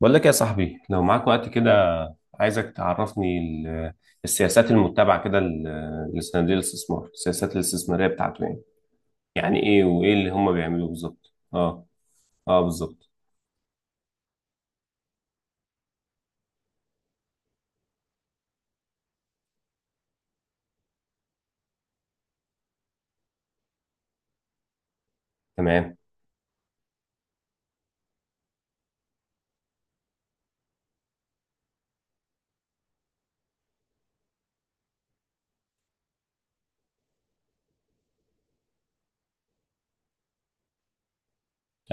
بقول لك يا صاحبي لو معاك وقت كده، عايزك تعرفني السياسات المتبعة كده لصناديق الاستثمار، السياسات الاستثمارية بتاعته يعني. يعني ايه وايه اللي هم بيعملوه بالظبط؟ اه، اه بالظبط. تمام.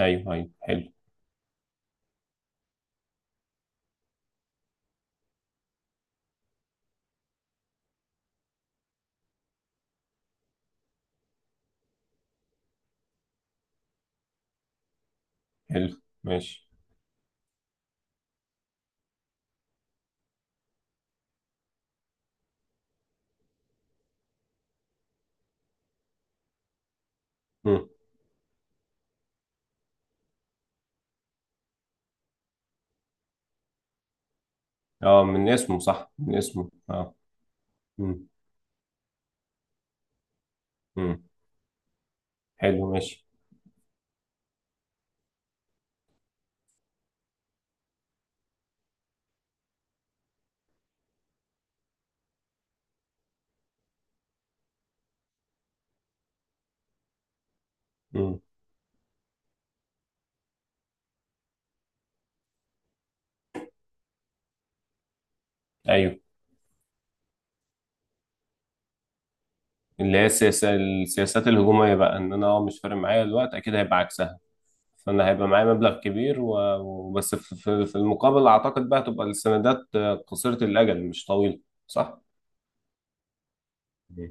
ايوه ايوه، حلو. حلو ماشي. مم. اه، من اسمه صح، من اسمه اه. مم. مم. حلو ماشي. مم. ايوه، اللي هي السياسة السياسات الهجومية بقى، ان انا مش فارق معايا الوقت، اكيد هيبقى عكسها. فانا هيبقى معايا مبلغ كبير وبس، في المقابل اعتقد بقى تبقى السندات قصيرة الاجل، مش طويلة، صح؟ مم.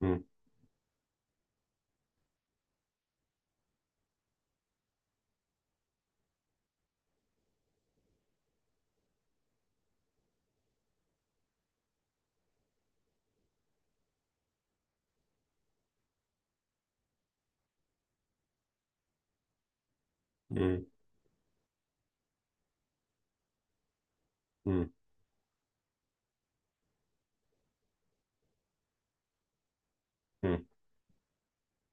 مم. مم. مم. مم.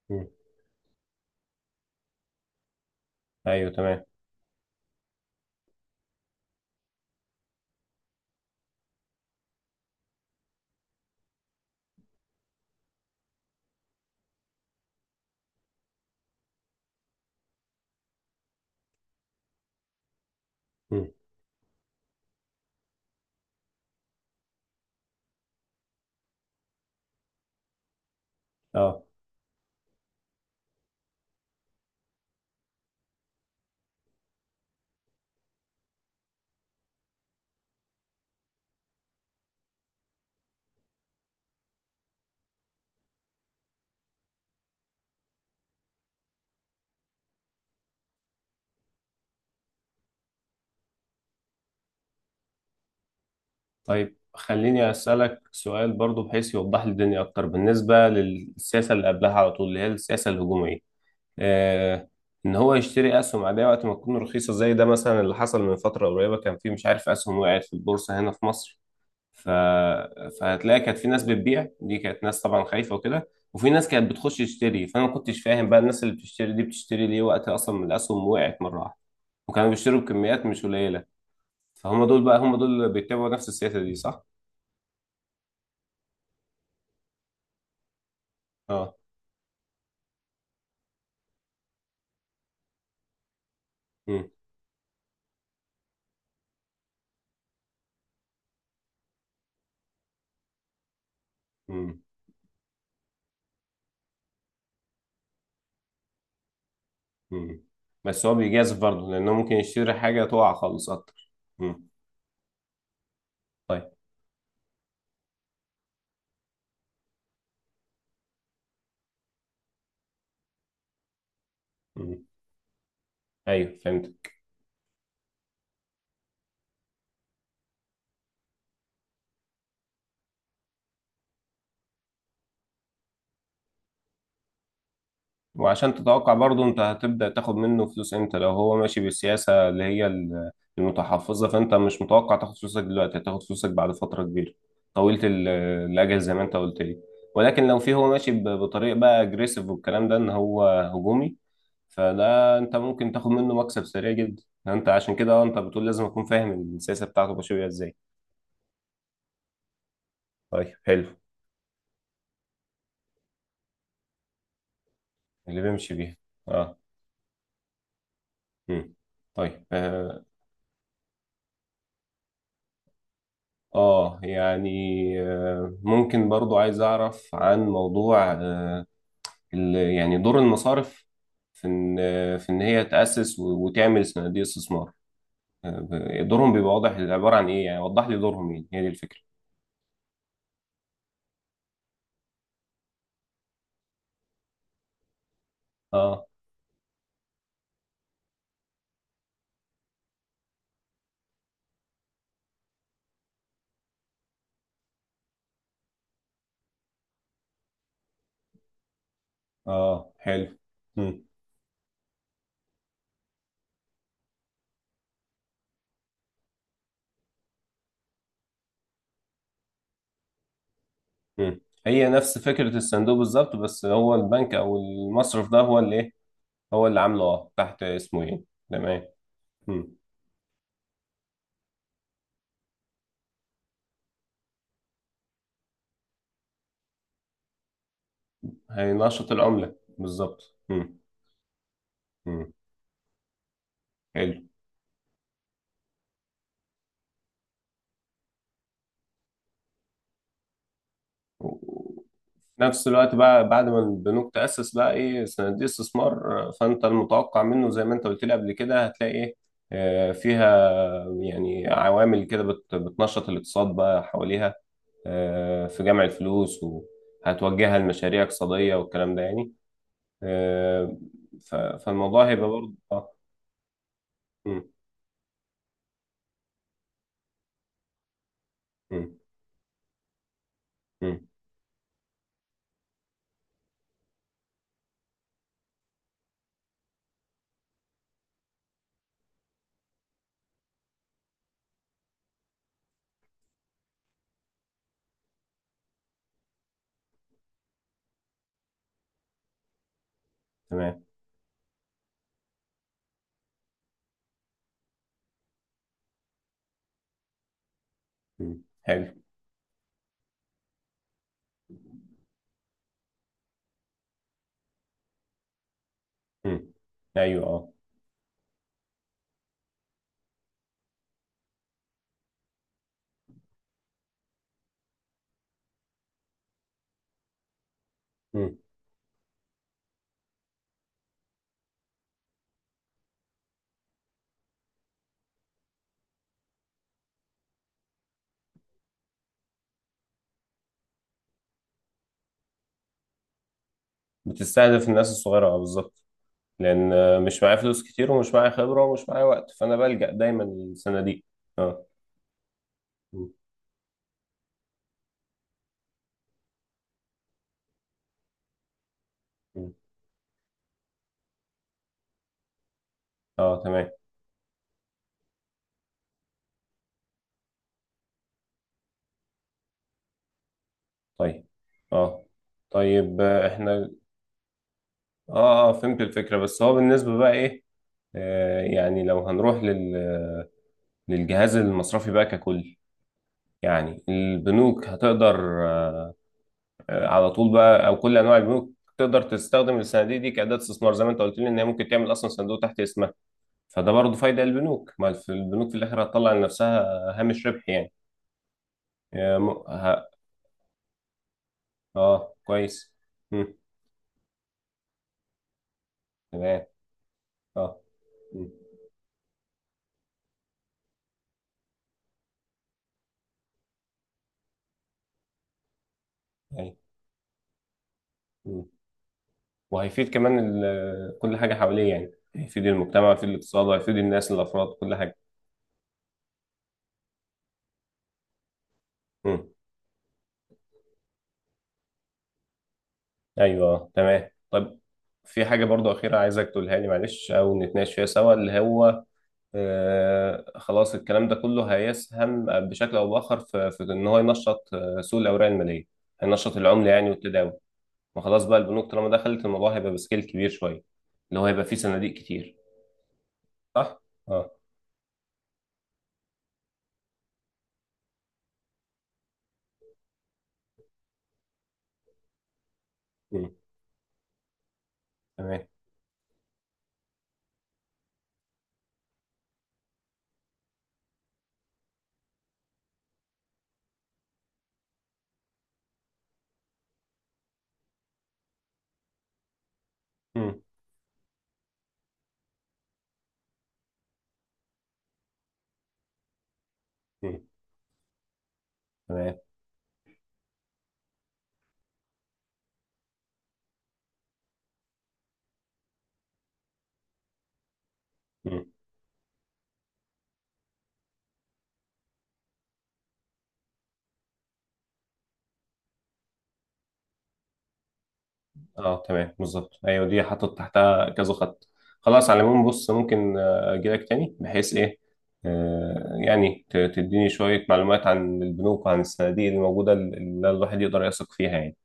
مم. ايوه تمام. مم. اه. طيب خليني اسالك سؤال برضو، بحيث يوضح لي الدنيا اكتر بالنسبه للسياسه اللي قبلها على طول، اللي هي السياسه الهجوميه. آه، ان هو يشتري اسهم عاديه وقت ما تكون رخيصه، زي ده مثلا اللي حصل من فتره قريبه، كان في مش عارف اسهم وقعت في البورصه هنا في مصر. ف... فهتلاقي كانت في ناس بتبيع، دي كانت ناس طبعا خايفه وكده، وفي ناس كانت بتخش تشتري، فانا ما كنتش فاهم بقى الناس اللي بتشتري دي بتشتري ليه وقت اصلا من الاسهم وقعت مره واحده، وكانوا بيشتروا بكميات مش قليله. فهم دول بقى، هم دول اللي بيتبعوا نفس السياسه دي صح؟ اه. امم. امم. امم. بس هو بيجازف برضه، لانه ممكن يشتري حاجه تقع خالص اكتر. امم. طيب. امم. ايوه فهمت. وعشان تتوقع برضه انت هتبدأ تاخد منه فلوس امتى، لو هو ماشي بالسياسة اللي هي المتحفظة، فانت مش متوقع تاخد فلوسك دلوقتي، هتاخد فلوسك بعد فترة كبيرة طويلة الأجل زي ما انت قلت لي. ولكن لو في هو ماشي بطريقة بقى اجريسيف، والكلام ده ان هو هجومي، فده انت ممكن تاخد منه مكسب سريع جدا. انت عشان كده انت بتقول لازم اكون فاهم السياسة بتاعته ماشية بيها ازاي. طيب حلو. اللي بيمشي بيها. اه. مم. طيب. اه يعني. ممكن برضو عايز اعرف عن موضوع يعني دور المصارف في ان في ان هي تأسس وتعمل صناديق استثمار. دورهم بيبقى واضح عبارة عن ايه، يعني وضح لي دورهم ايه، هي دي الفكرة. اه اه حلو. مم. مم. هي نفس فكرة الصندوق بالظبط، بس هو البنك او المصرف ده هو اللي ايه، هو اللي عامله اه تحت اسمه ايه. تمام. مم. هينشط العملة بالظبط. مم. مم. حلو. في نفس الوقت بقى بعد ما البنوك تأسس بقى ايه صناديق استثمار، فانت المتوقع منه زي ما انت قلت لي قبل كده هتلاقي ايه فيها يعني عوامل كده بتنشط الاقتصاد بقى حواليها، في جمع الفلوس وهتوجهها لمشاريع اقتصادية والكلام ده يعني. آه، فالموضوع هيبقى برضه اه. مم. مم. مم. تمام. مم. حلو. مم. ايوه اه. مم. بتستهدف الناس الصغيرة اه بالظبط. لان مش معايا فلوس كتير ومش معايا خبره ومش معايا وقت، فانا بلجأ دايما للصناديق. اه. م- م. اه تمام. طيب. اه. طيب احنا. اه اه فهمت الفكره، بس هو بالنسبه بقى ايه، يعني لو هنروح للجهاز المصرفي بقى ككل، يعني البنوك هتقدر آه على طول بقى، او كل انواع البنوك تقدر تستخدم الصناديق دي كأداة استثمار، زي ما انت قلت لي ان هي ممكن تعمل اصلا صندوق تحت اسمها. فده برضه فايدة للبنوك، ما في البنوك في الآخر هتطلع لنفسها هامش ربح يعني. يا م... ه... اه كويس. مم. تمام. اه. مم. أي. مم. وهيفيد كمان كل حاجة حواليه، يعني هيفيد المجتمع، هيفيد الاقتصاد، وهيفيد الناس الأفراد، كل حاجة. مم. أيوه تمام. طب في حاجة برضه أخيرة عايزك تقولها لي معلش، أو نتناقش فيها سوا، اللي هو خلاص الكلام ده كله هيسهم بشكل او باخر في ان هو ينشط سوق الاوراق الماليه، هينشط العمله يعني والتداول. ما خلاص بقى، البنوك طالما دخلت الموضوع هيبقى بسكيل كبير شويه، اللي هو هيبقى فيه صناديق كتير، صح؟ اه. مم. تمام. مم. مم. تمام. مم. اه تمام بالظبط. ايوه دي حاطط تحتها كذا خط. خلاص، على العموم بص، ممكن اجي لك تاني بحيث ايه يعني تديني شويه معلومات عن البنوك وعن الصناديق اللي موجوده، اللي الواحد يقدر يثق فيها يعني.